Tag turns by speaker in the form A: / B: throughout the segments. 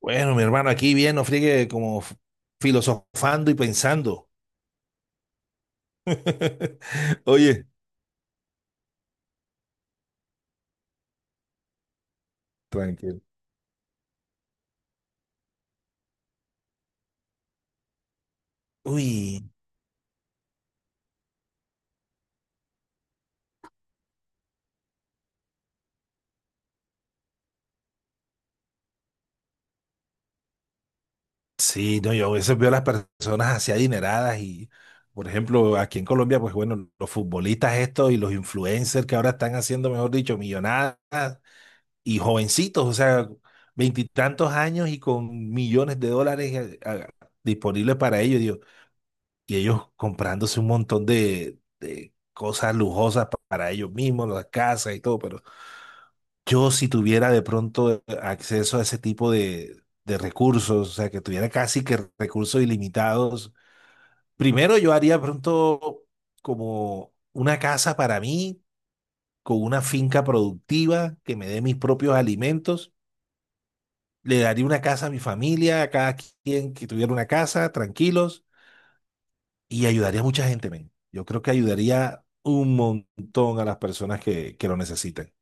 A: Bueno, mi hermano, aquí bien, no friegue como filosofando y pensando. Oye, tranquilo. Uy, sí, no, yo a veces veo a las personas así adineradas y, por ejemplo, aquí en Colombia, pues bueno, los futbolistas estos y los influencers que ahora están haciendo, mejor dicho, millonadas y jovencitos, o sea, veintitantos años y con millones de dólares disponibles para ellos. Y ellos comprándose un montón de cosas lujosas para ellos mismos, las casas y todo, pero yo si tuviera de pronto acceso a ese tipo de recursos, o sea, que tuviera casi que recursos ilimitados, primero yo haría pronto como una casa para mí, con una finca productiva que me dé mis propios alimentos. Le daría una casa a mi familia, a cada quien que tuviera una casa, tranquilos, y ayudaría a mucha gente, men. Yo creo que ayudaría un montón a las personas que lo necesiten.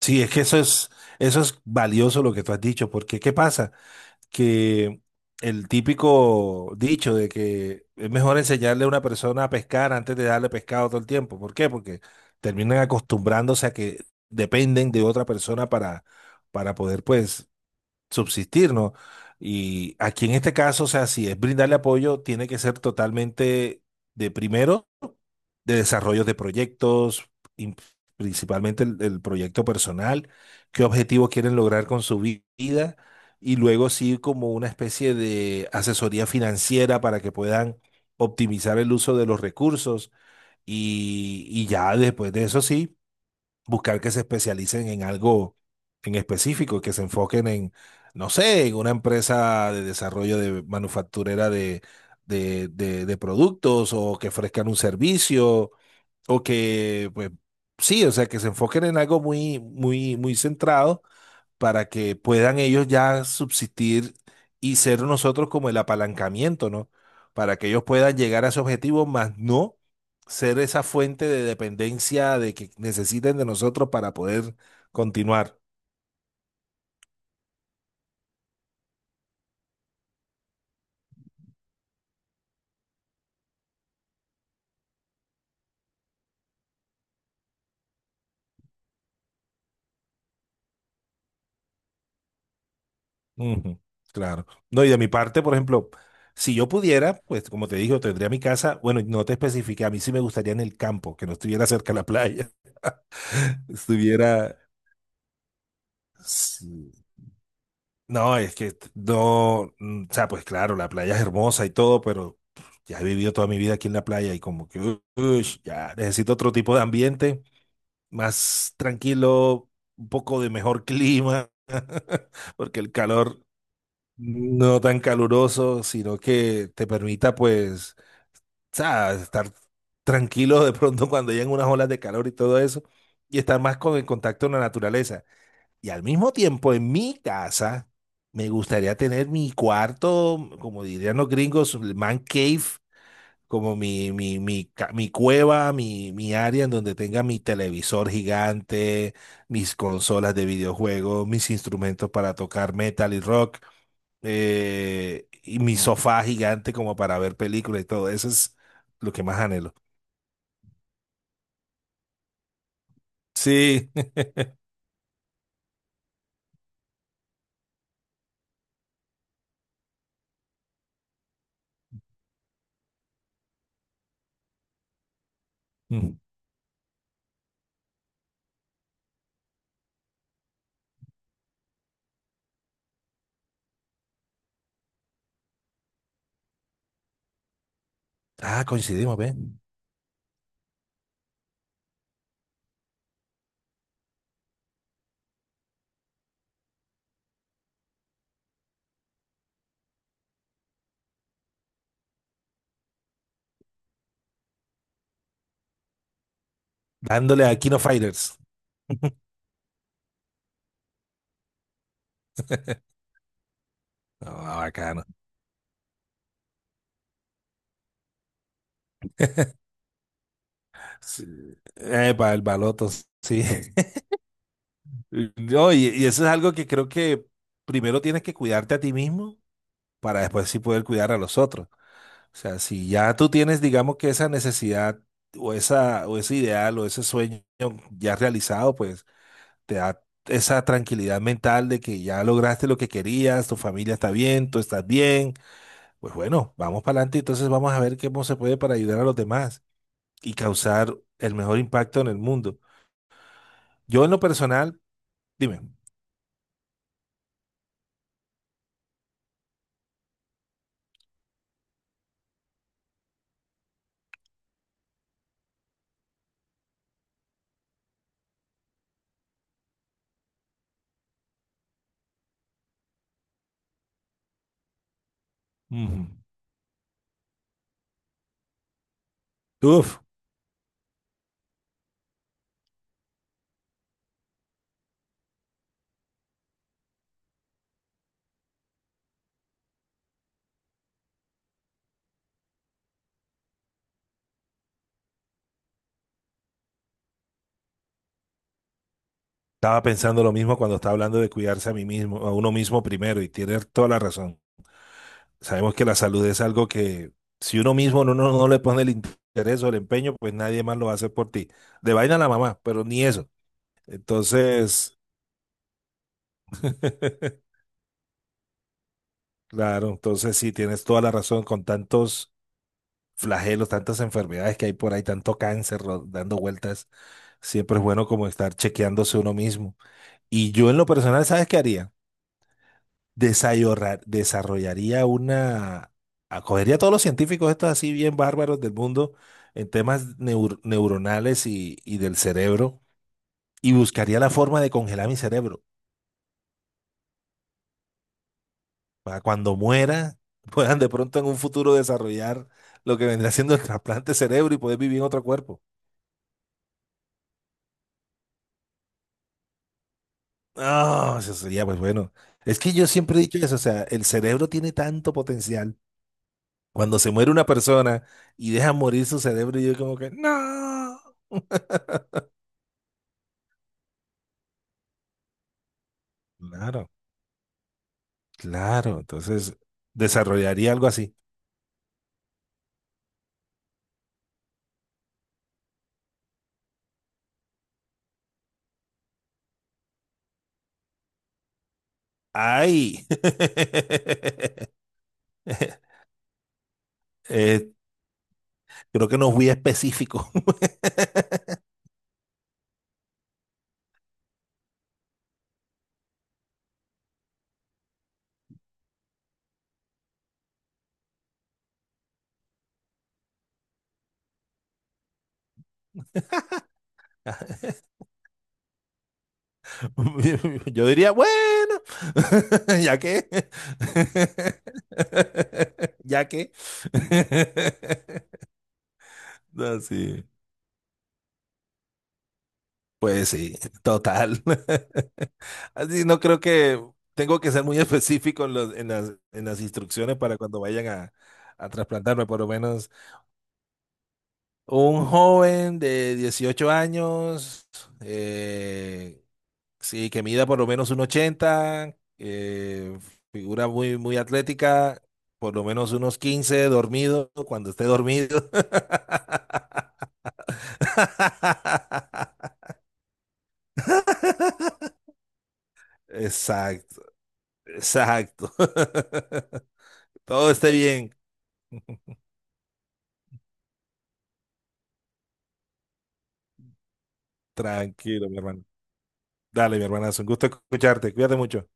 A: Sí, es que eso es valioso lo que tú has dicho, porque ¿qué pasa? Que el típico dicho de que es mejor enseñarle a una persona a pescar antes de darle pescado todo el tiempo. ¿Por qué? Porque terminan acostumbrándose a que dependen de otra persona para poder, pues, subsistir, ¿no? Y aquí en este caso, o sea, si es brindarle apoyo, tiene que ser totalmente de primero, de desarrollo de proyectos, in- principalmente el proyecto personal, qué objetivos quieren lograr con su vida, y luego sí como una especie de asesoría financiera para que puedan optimizar el uso de los recursos, y ya después de eso sí buscar que se especialicen en algo en específico, que se enfoquen en, no sé, en una empresa de desarrollo de manufacturera de productos o que ofrezcan un servicio o que, pues, sí, o sea, que se enfoquen en algo muy, muy, muy centrado para que puedan ellos ya subsistir y ser nosotros como el apalancamiento, ¿no? Para que ellos puedan llegar a su objetivo, más no ser esa fuente de dependencia de que necesiten de nosotros para poder continuar. Ujú, claro. No, y de mi parte, por ejemplo, si yo pudiera, pues como te digo, tendría mi casa, bueno, no te especifiqué, a mí sí me gustaría en el campo, que no estuviera cerca de la playa, estuviera, sí. No, es que no, o sea, pues claro, la playa es hermosa y todo, pero ya he vivido toda mi vida aquí en la playa y como que, ush, ya necesito otro tipo de ambiente, más tranquilo, un poco de mejor clima, porque el calor no tan caluroso, sino que te permita pues, o sea, estar tranquilo de pronto cuando llegan unas olas de calor y todo eso, y estar más con el contacto con la naturaleza. Y al mismo tiempo, en mi casa, me gustaría tener mi cuarto, como dirían los gringos, el man cave, como mi cueva, mi área en donde tenga mi televisor gigante, mis consolas de videojuegos, mis instrumentos para tocar metal y rock, y mi sofá gigante como para ver películas y todo. Eso es lo que más anhelo. Sí. Mm. Ah, coincidimos, ¿ven? Dándole a Kino Fighters. Ah, bacano. Sí. Epa, el baloto, sí. No, y eso es algo que creo que primero tienes que cuidarte a ti mismo para después sí poder cuidar a los otros. O sea, si ya tú tienes, digamos que esa necesidad o esa o ese ideal o ese sueño ya realizado, pues te da esa tranquilidad mental de que ya lograste lo que querías, tu familia está bien, tú estás bien. Pues bueno, vamos para adelante, entonces vamos a ver cómo se puede para ayudar a los demás y causar el mejor impacto en el mundo. Yo en lo personal. Dime. Ujú. Uf, estaba pensando lo mismo cuando estaba hablando de cuidarse a mí mismo, a uno mismo primero, y tiene toda la razón. Sabemos que la salud es algo que si uno mismo no le pone el interés o el empeño, pues nadie más lo va a hacer por ti. De vaina la mamá, pero ni eso. Entonces, claro, entonces sí, tienes toda la razón con tantos flagelos, tantas enfermedades que hay por ahí, tanto cáncer dando vueltas. Siempre es bueno como estar chequeándose uno mismo. Y yo en lo personal, ¿sabes qué haría? desayorra- desarrollaría una, acogería a todos los científicos estos así bien bárbaros del mundo en temas neuronales y del cerebro y buscaría la forma de congelar mi cerebro para cuando muera puedan de pronto en un futuro desarrollar lo que vendrá siendo el trasplante de cerebro y poder vivir en otro cuerpo. Ah, eso sería pues bueno. Es que yo siempre he dicho eso, o sea, el cerebro tiene tanto potencial. Cuando se muere una persona y deja morir su cerebro, yo como que, no. Claro. Claro, entonces desarrollaría algo así. ¡Ay! Eh, creo que no fui específico. Yo diría, bueno, ya que, ya que. No, sí. Pues sí, total. Así no creo que tengo que ser muy específico en en las instrucciones para cuando vayan a trasplantarme, por lo menos. Un joven de 18 años, eh, sí, que mida por lo menos un 80 figura muy, muy atlética, por lo menos unos 15 dormido, cuando esté dormido. Exacto, exacto. Todo esté bien. Tranquilo, mi hermano. Dale, mi hermanazo, un gusto escucharte. Cuídate mucho.